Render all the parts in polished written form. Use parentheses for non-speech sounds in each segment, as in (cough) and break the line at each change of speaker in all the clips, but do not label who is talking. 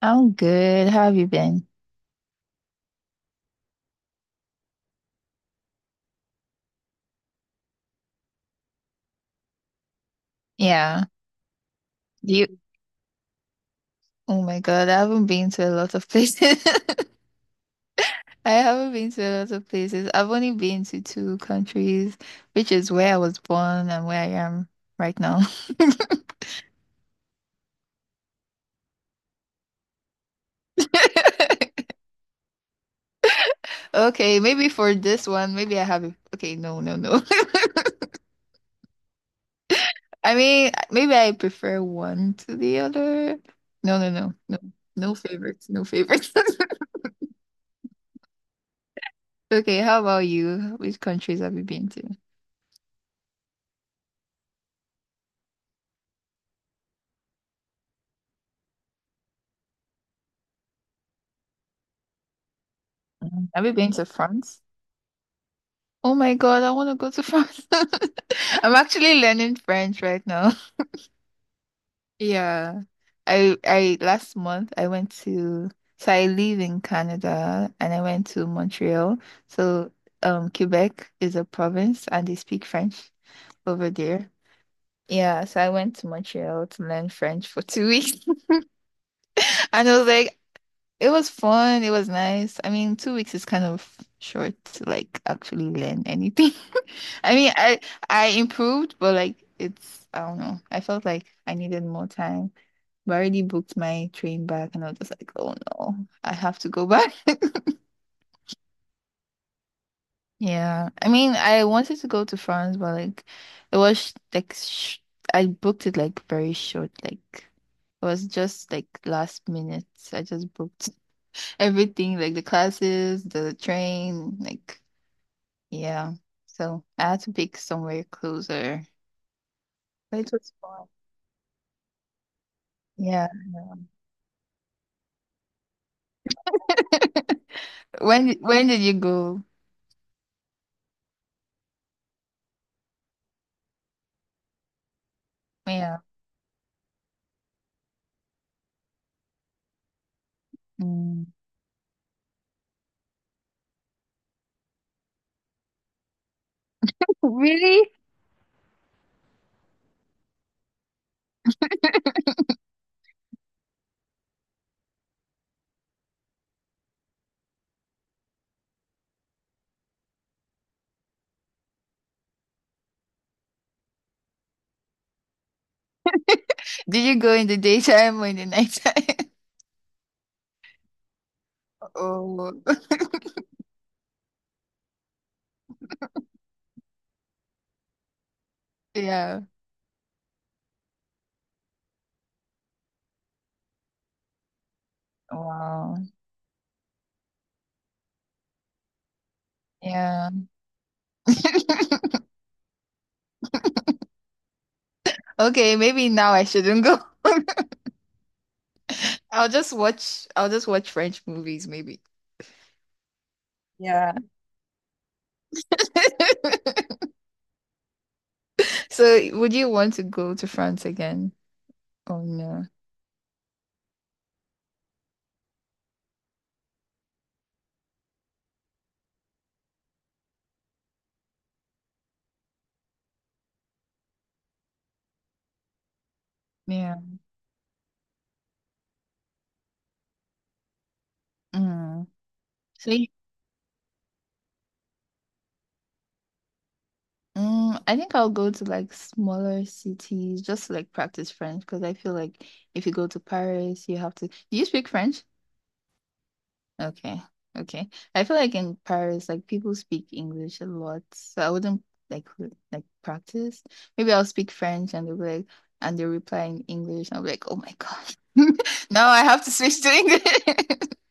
I'm good. How have you been? Yeah. You, oh my God, I haven't been to a lot of places. (laughs) I haven't been to a lot of places. I've only been to two countries, which is where I was born and where I am right now. (laughs) Okay, maybe for this one, maybe I have a, okay, no. (laughs) I mean, maybe I prefer one to the other. No. No favorites, no favorites. (laughs) Okay, how about you? Which countries have you been to? Mm. Have you been to France? Oh my God, I want to go to France. (laughs) I'm actually learning French right now. Yeah. I last month I went to so I live in Canada and I went to Montreal. So Quebec is a province and they speak French over there. Yeah, so I went to Montreal to learn French for 2 weeks. (laughs) And I was like, it was fun. It was nice. I mean, 2 weeks is kind of short to like actually learn anything. (laughs) I mean, I improved, but like it's I don't know. I felt like I needed more time. But I already booked my train back, and I was just like, oh no, I have to go back. (laughs) Yeah, I mean, I wanted to go to France, but like it was like sh I booked it like very short. Like it was just like last minute. I just booked. Everything like the classes, the train, like yeah. So I had to pick somewhere closer. But it was fun. Yeah. (laughs) When did you go? Yeah. Mm. (laughs) Really? Did you go in the daytime or in the nighttime? (laughs) Oh, (laughs) yeah. Wow. Yeah. (laughs) Okay, maybe now I shouldn't go. (laughs) I'll just watch French movies maybe. Yeah. (laughs) So, would you want to go to France again? Oh no. Yeah. Mm. So y- mm, I think I'll go to like smaller cities just to like practice French because I feel like if you go to Paris, you have to. Do you speak French? Okay. Okay. I feel like in Paris, like people speak English a lot. So I wouldn't like practice. Maybe I'll speak French and they'll be like and they reply in English. I'll be like, oh my gosh. (laughs) Now I have to switch to English. (laughs)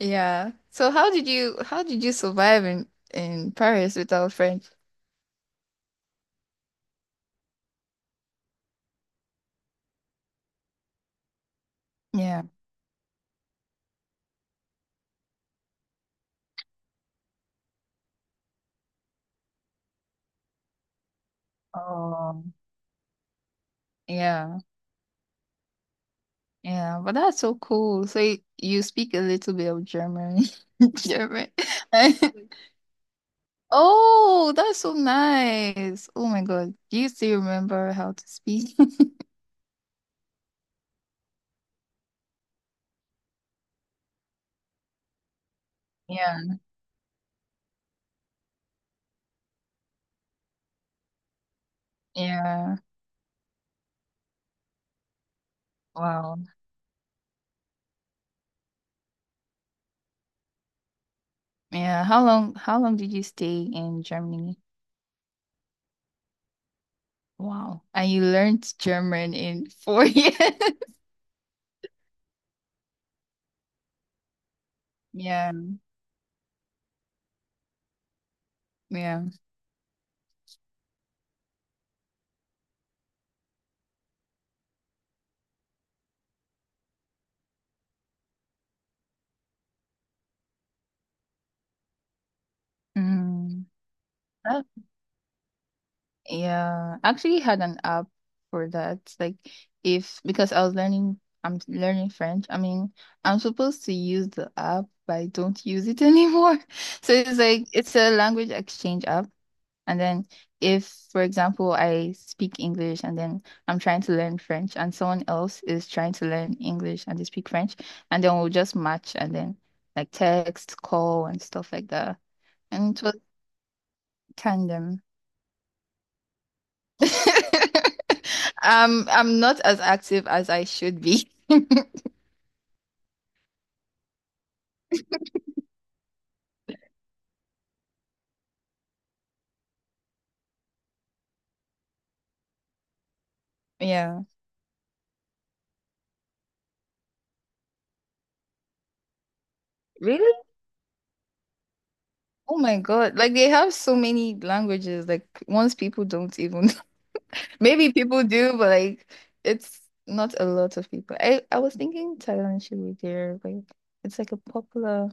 Yeah. So how did you survive in Paris without French? Yeah. Oh, yeah. Yeah, but that's so cool. So you speak a little bit of German. (laughs) German. (laughs) Oh, that's so nice. Oh my God. Do you still remember how to speak? (laughs) Yeah. Yeah. Wow. Yeah. How long did you stay in Germany? Wow. And you learned German in four (laughs) years. Yeah. Yeah. Mm, that, yeah, I actually had an app for that. Like, if because I was learning, I'm learning French. I mean, I'm supposed to use the app, but I don't use it (laughs) anymore. So it's a language exchange app. And then, if for example, I speak English and then I'm trying to learn French, and someone else is trying to learn English and they speak French, and then we'll just match and then like text, call, and stuff like that. And it was tandem. (laughs) I'm not as active as I should be. (laughs) Yeah. Really? Oh my God. Like they have so many languages. Like once people don't even (laughs) maybe people do, but like it's not a lot of people. I was thinking Thailand should be there. Like it's like a popular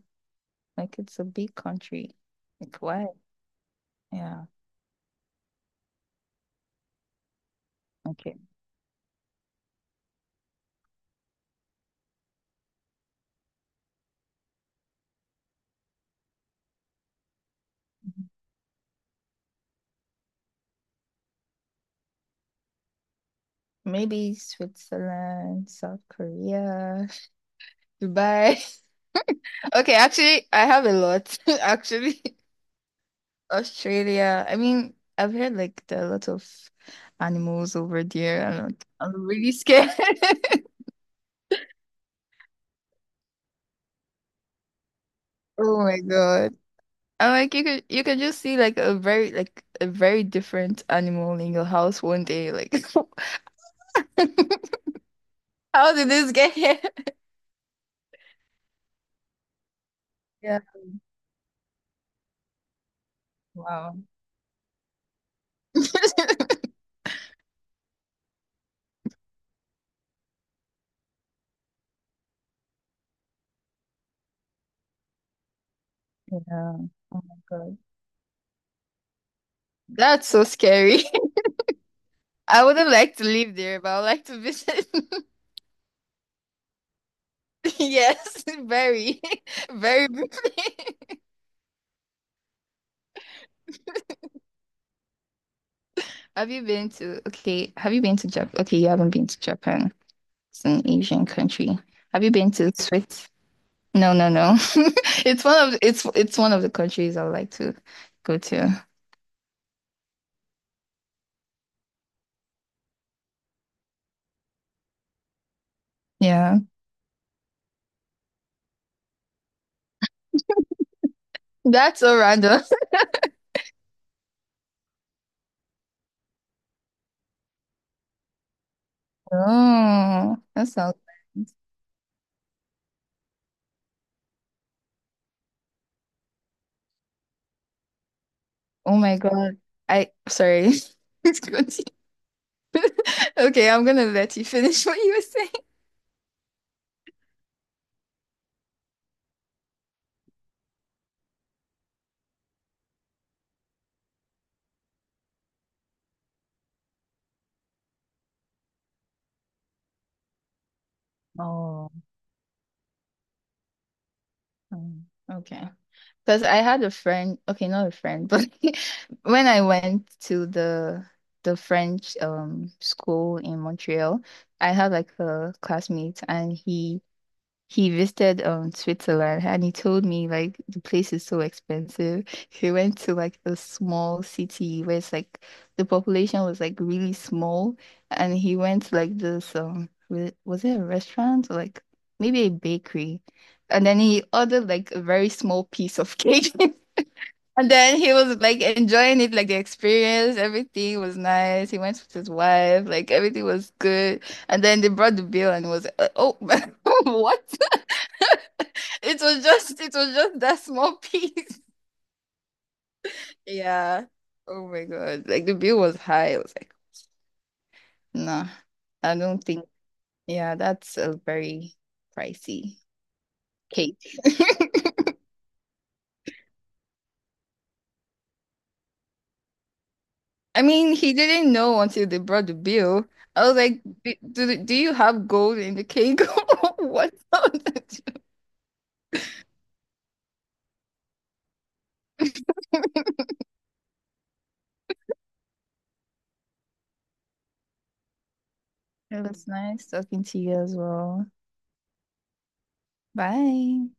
like it's a big country. Like why? Yeah. Okay. Maybe Switzerland, South Korea, (laughs) Dubai. (laughs) Okay, actually I have a lot (laughs) actually. Australia. I mean, I've heard like there are a lot of animals over there, and like, I'm really scared. (laughs) Oh my God. I'm like you can just see like a very different animal in your house one day. Like, (laughs) how did this get here? Yeah. Wow. (laughs) Yeah. Oh my God. That's so scary. (laughs) I wouldn't like to live there, but I would like to visit. (laughs) Yes, (laughs) very briefly. (laughs) Have you been to, okay, have you been to Japan? Okay, you haven't been to Japan. It's an Asian country. Have you been to Swiss? No. (laughs) It's one of the countries I would like to go to. Yeah. That's so random. (laughs) Oh, that sounds nice. Oh my God. I sorry. (laughs) It's continue. Okay, I'm gonna let you finish what you were saying. Oh, okay. Because I had a friend, okay, not a friend, but (laughs) when I went to the French school in Montreal, I had like a classmate and he visited Switzerland and he told me like the place is so expensive. He went to like a small city where it's like the population was like really small and he went to like this was it a restaurant or like maybe a bakery and then he ordered like a very small piece of cake (laughs) and then he was like enjoying it like the experience everything was nice. He went with his wife like everything was good and then they brought the bill and was oh (laughs) what? It was just that small piece. (laughs) Yeah. Oh my God. Like the bill was high. I was like, nah, I don't think. Yeah, that's a very pricey cake. (laughs) I mean, he didn't know until they brought the bill. I was like, do you have gold in the cake? (laughs) What's up? It was nice talking to you as well. Bye.